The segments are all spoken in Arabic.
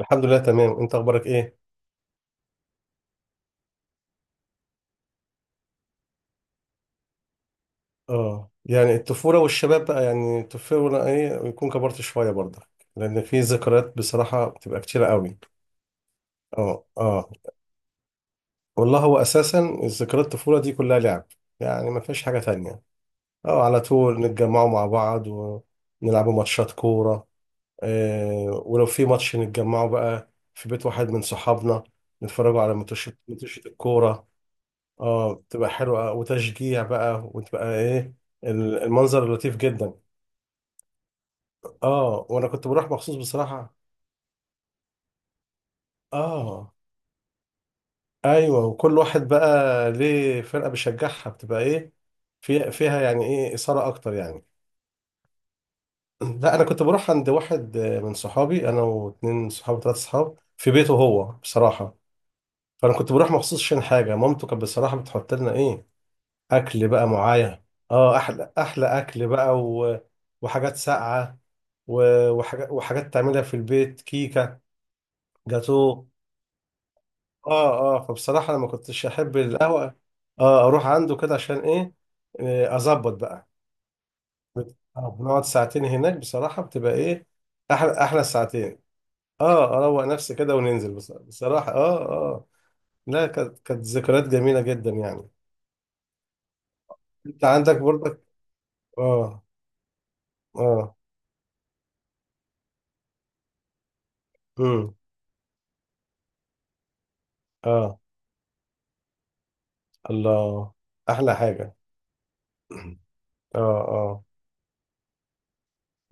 الحمد لله، تمام. انت اخبارك ايه؟ اه يعني الطفوله والشباب بقى، يعني الطفوله ايه ويكون كبرت شويه برضه. لان في ذكريات بصراحه بتبقى كتيره قوي. اه اه. والله هو اساسا الذكريات الطفوله دي كلها لعب. يعني ما فيش حاجه تانية. اه، على طول نتجمعوا مع بعض ونلعبوا ماتشات كوره. آه، ولو في ماتش نتجمعوا بقى في بيت واحد من صحابنا، نتفرجوا على ماتش الكوره. اه، بتبقى حلوة وتشجيع بقى وتبقى ايه، المنظر لطيف جدا. اه وانا كنت بروح مخصوص بصراحة. اه ايوه، وكل واحد بقى ليه فرقة بيشجعها، بتبقى ايه، فيها يعني ايه إثارة اكتر يعني. لا، انا كنت بروح عند واحد من صحابي، انا واتنين صحابي، ثلاثة صحاب في بيته هو بصراحة. فانا كنت بروح مخصوص عشان حاجة، مامته كانت بصراحة بتحط لنا ايه، اكل بقى معايا. اه، احلى احلى اكل بقى، و... وحاجات ساقعه، و... وحاجات تعملها في البيت، كيكه، جاتوه. اه اه، فبصراحه انا ما كنتش احب القهوه. اه، اروح عنده كده عشان ايه، اظبط بقى. بنقعد ساعتين هناك، بصراحه بتبقى ايه، احلى احلى ساعتين. اه، اروق نفسي كده وننزل، بصراحه. اه اه. لا، كانت ذكريات جميله جدا يعني. انت عندك برضك؟ اه اه. امم. اه، الله، احلى حاجة. اه اه.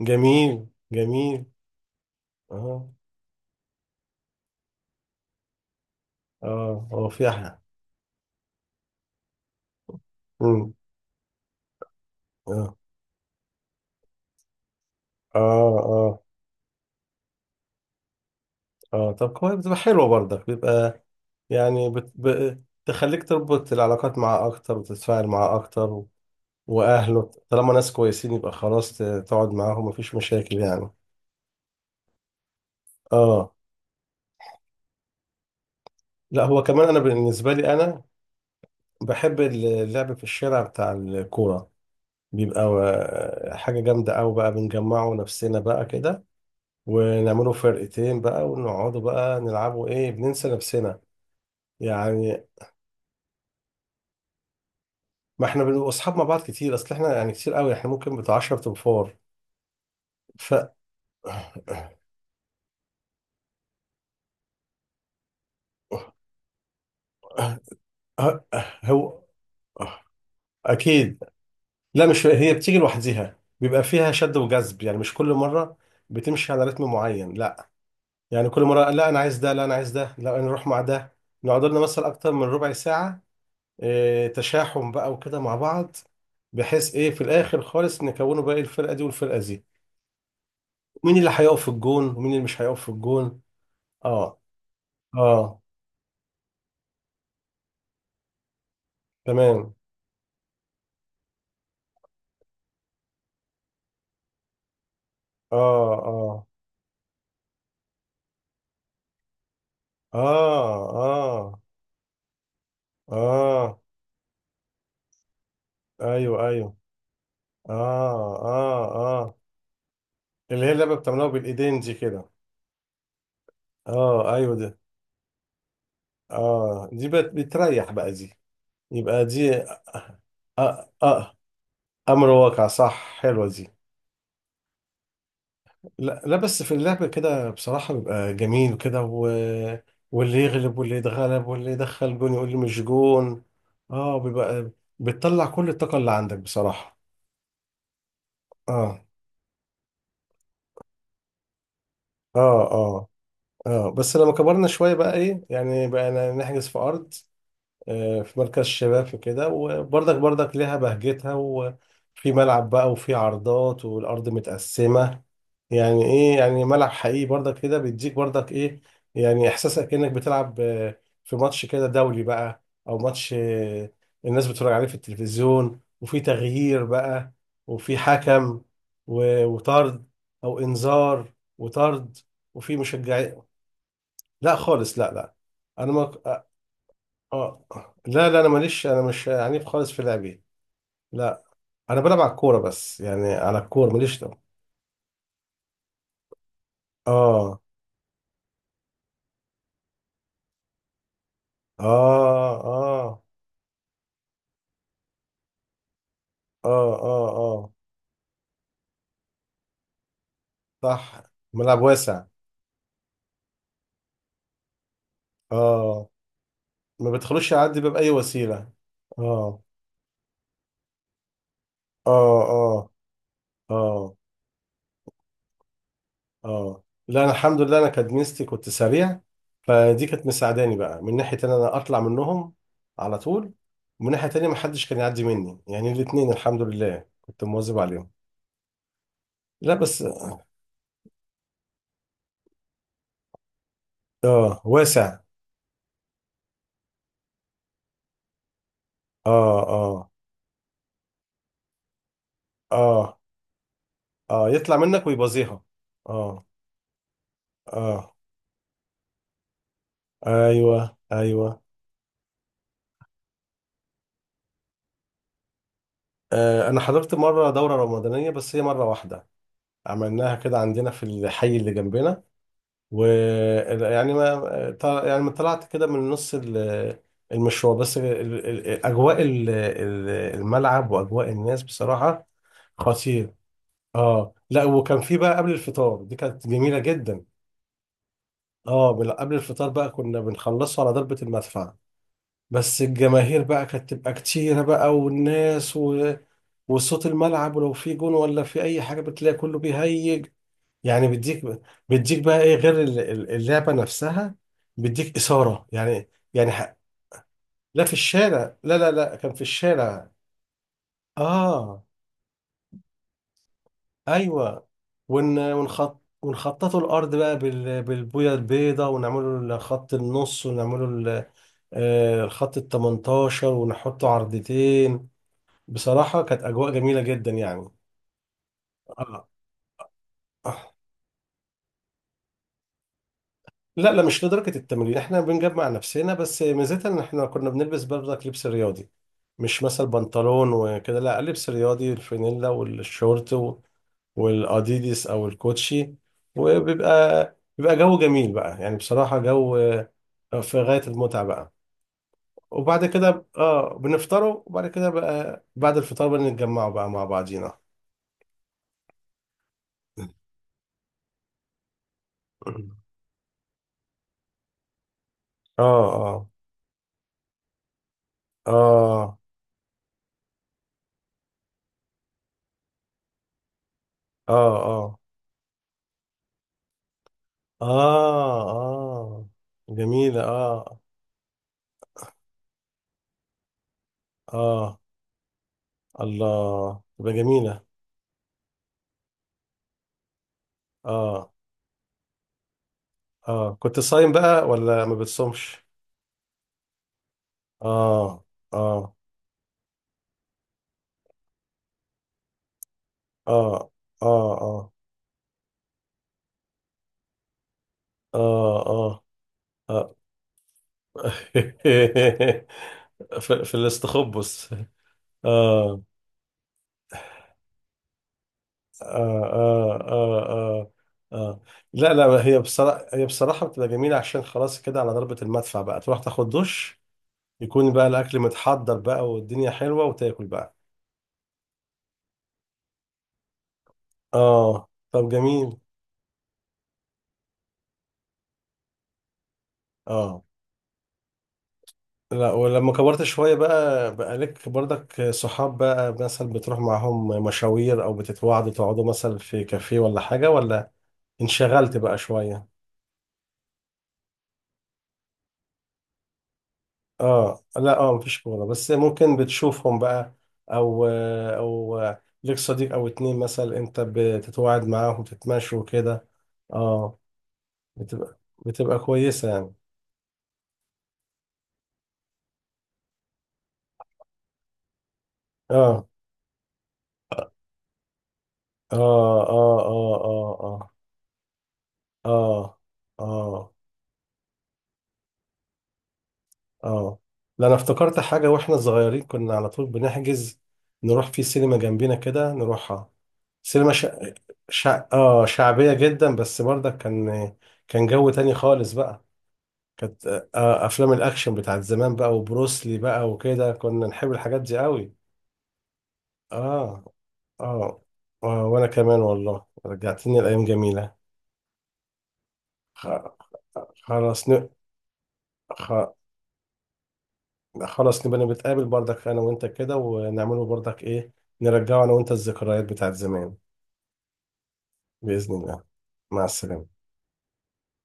جميل جميل. اه اه، هو في احلى. امم. اه اه اه اه طب كويس، بتبقى حلوة برضك، بيبقى يعني، بت... ب... تخليك تربط العلاقات معاه اكتر وتتفاعل معاه اكتر، و... واهله طالما ناس كويسين يبقى خلاص، تقعد معاهم مفيش مشاكل يعني. اه، لا هو كمان انا بالنسبة لي انا بحب اللعب في الشارع بتاع الكورة، بيبقى حاجة جامدة أوي بقى، بنجمعه نفسنا بقى كده، ونعمله فرقتين بقى، ونقعدوا بقى نلعبوا إيه، بننسى نفسنا. يعني ما إحنا بنبقى أصحاب مع بعض كتير، أصل إحنا يعني كتير أوي، إحنا ممكن بتاع 10 تنفار. ف هو أكيد، لا مش هي بتيجي لوحديها، بيبقى فيها شد وجذب، يعني مش كل مرة بتمشي على رتم معين، لا. يعني كل مرة لا أنا عايز ده، لا أنا عايز ده، لا أنا أروح مع ده. نقعد لنا مثلا أكتر من ربع ساعة، تشاحم بقى وكده مع بعض، بحيث ايه في الاخر خالص نكونوا بقى الفرقه دي والفرقه دي، مين اللي هيقف في الجون ومين اللي مش هيقف في الجون. اه اه، تمام. اه اه اه اه اه، ايوه ايوه. اه اه اه. اللي هي اللعبه بتعملوها بالايدين دي كده. اه ايوه ده. اه، دي بتريح بقى دي، يبقى دي. آه آه، امر واقع، صح، حلوه دي. لا لا، بس في اللعب كده بصراحة بيبقى جميل وكده، و... واللي يغلب واللي يتغلب واللي يدخل جون يقول لي مش جون. اه، بيبقى بتطلع كل الطاقة اللي عندك بصراحة. اه اه اه اه. بس لما كبرنا شوية بقى، ايه يعني، بقى نحجز في أرض، في مركز الشباب في كده، وبرضك لها بهجتها، وفي ملعب بقى وفي عرضات والأرض متقسمة. يعني إيه، يعني ملعب حقيقي برضك كده بيديك برضك إيه، يعني إحساسك كأنك بتلعب في ماتش كده دولي بقى، أو ماتش الناس بتتفرج عليه في التلفزيون، وفي تغيير بقى، وفي حكم، وطرد، أو إنذار وطرد، وفي مشجعين. لا خالص، لا لا. انا ما. اه، لا لا انا ماليش، انا مش عنيف خالص في لعبي. لا انا بلعب على الكوره بس، يعني على الكوره ماليش اه. اه اه اه اه اه صح، ملعب واسع. اه، ما بتخلوش يعدي باب، اي وسيله. اه اه اه اه اه. لا انا الحمد لله، انا كدميستي كنت سريع، فدي كانت مساعداني بقى من ناحيه ان انا اطلع منهم على طول، ومن ناحيه تانية محدش كان يعدي مني، يعني الاتنين الحمد لله كنت مواظب عليهم. لا بس، اه واسع. اه اه اه اه يطلع منك ويبازيها. اه اه، ايوه ايوه. آه، انا حضرت مره دوره رمضانيه بس، هي مره واحده، عملناها كده عندنا في الحي اللي جنبنا. و يعني ما طلعت كده من نص المشوار، بس اجواء الملعب واجواء الناس بصراحه خطير. اه لا، وكان في بقى قبل الفطار، دي كانت جميله جدا. اه، قبل الفطار بقى كنا بنخلصه على ضربة المدفع، بس الجماهير بقى كانت تبقى كتيرة بقى، والناس، و... وصوت الملعب، ولو في جون ولا في أي حاجة بتلاقي كله بيهيج، يعني بيديك بقى إيه غير اللعبة نفسها، بيديك إثارة يعني. يعني ح... لا، في الشارع، لا لا لا، كان في الشارع. آه ايوه، ون ونخط ونخططوا الارض بقى بالبويه البيضاء، ونعمله خط النص، ونعمله ال... الخط ال 18 ونحطه عرضتين. بصراحه كانت اجواء جميله جدا يعني. آه. آه. لا لا، مش لدرجه التمرين، احنا بنجمع نفسنا بس، ميزتها ان احنا كنا بنلبس برضك لبس رياضي، مش مثلا بنطلون وكده، لا، لبس رياضي الفانيلا والشورت والاديدس او الكوتشي، وبيبقى جو جميل بقى، يعني بصراحة جو في غاية المتعة بقى. وبعد كده اه بنفطروا، وبعد كده بقى بعد الفطار بنتجمعوا بقى مع بعضينا. اه اه اه اه اه اه اه. جميلة. اه اه الله، تبقى جميلة. اه اه، كنت صايم بقى ولا ما بتصومش؟ اه اه اه اه اه اه اه. آه. في الاستخبص. آه. آه. آه. آه. آه. آه. لا لا، هي بصراحة بتبقى جميلة، عشان خلاص كده على ضربة المدفع بقى تروح تاخد دش، يكون بقى الأكل متحضر بقى والدنيا حلوة وتاكل بقى. اه طب جميل. اه لا، ولما كبرت شوية بقى لك برضك صحاب بقى، مثلا بتروح معاهم مشاوير، أو بتتواعدوا تقعدوا مثلا في كافيه ولا حاجة، ولا انشغلت بقى شوية. اه لا، اه مفيش كورة، بس ممكن بتشوفهم بقى، او ليك صديق او اتنين مثلا، انت بتتواعد معاهم تتمشوا كده. اه، بتبقى كويسة يعني. اه اه اه اه اه اه اه اه اه. لا، انا افتكرت حاجة، واحنا صغيرين كنا على طول بنحجز، نروح في سينما جنبينا كده نروحها، سينما شع... شع... اه شعبية جدا بس، برضك كان كان جو تاني خالص بقى، كانت آه افلام الاكشن بتاعت زمان بقى، وبروسلي بقى وكده، كنا نحب الحاجات دي قوي. اه اه، وانا كمان والله رجعتني لايام جميله. خ- خلاص ن... خ... خلاص نبقى نتقابل برضك انا وانت كده، ونعمله برضك ايه، نرجعه انا وانت الذكريات بتاعت زمان. باذن الله. مع السلامه.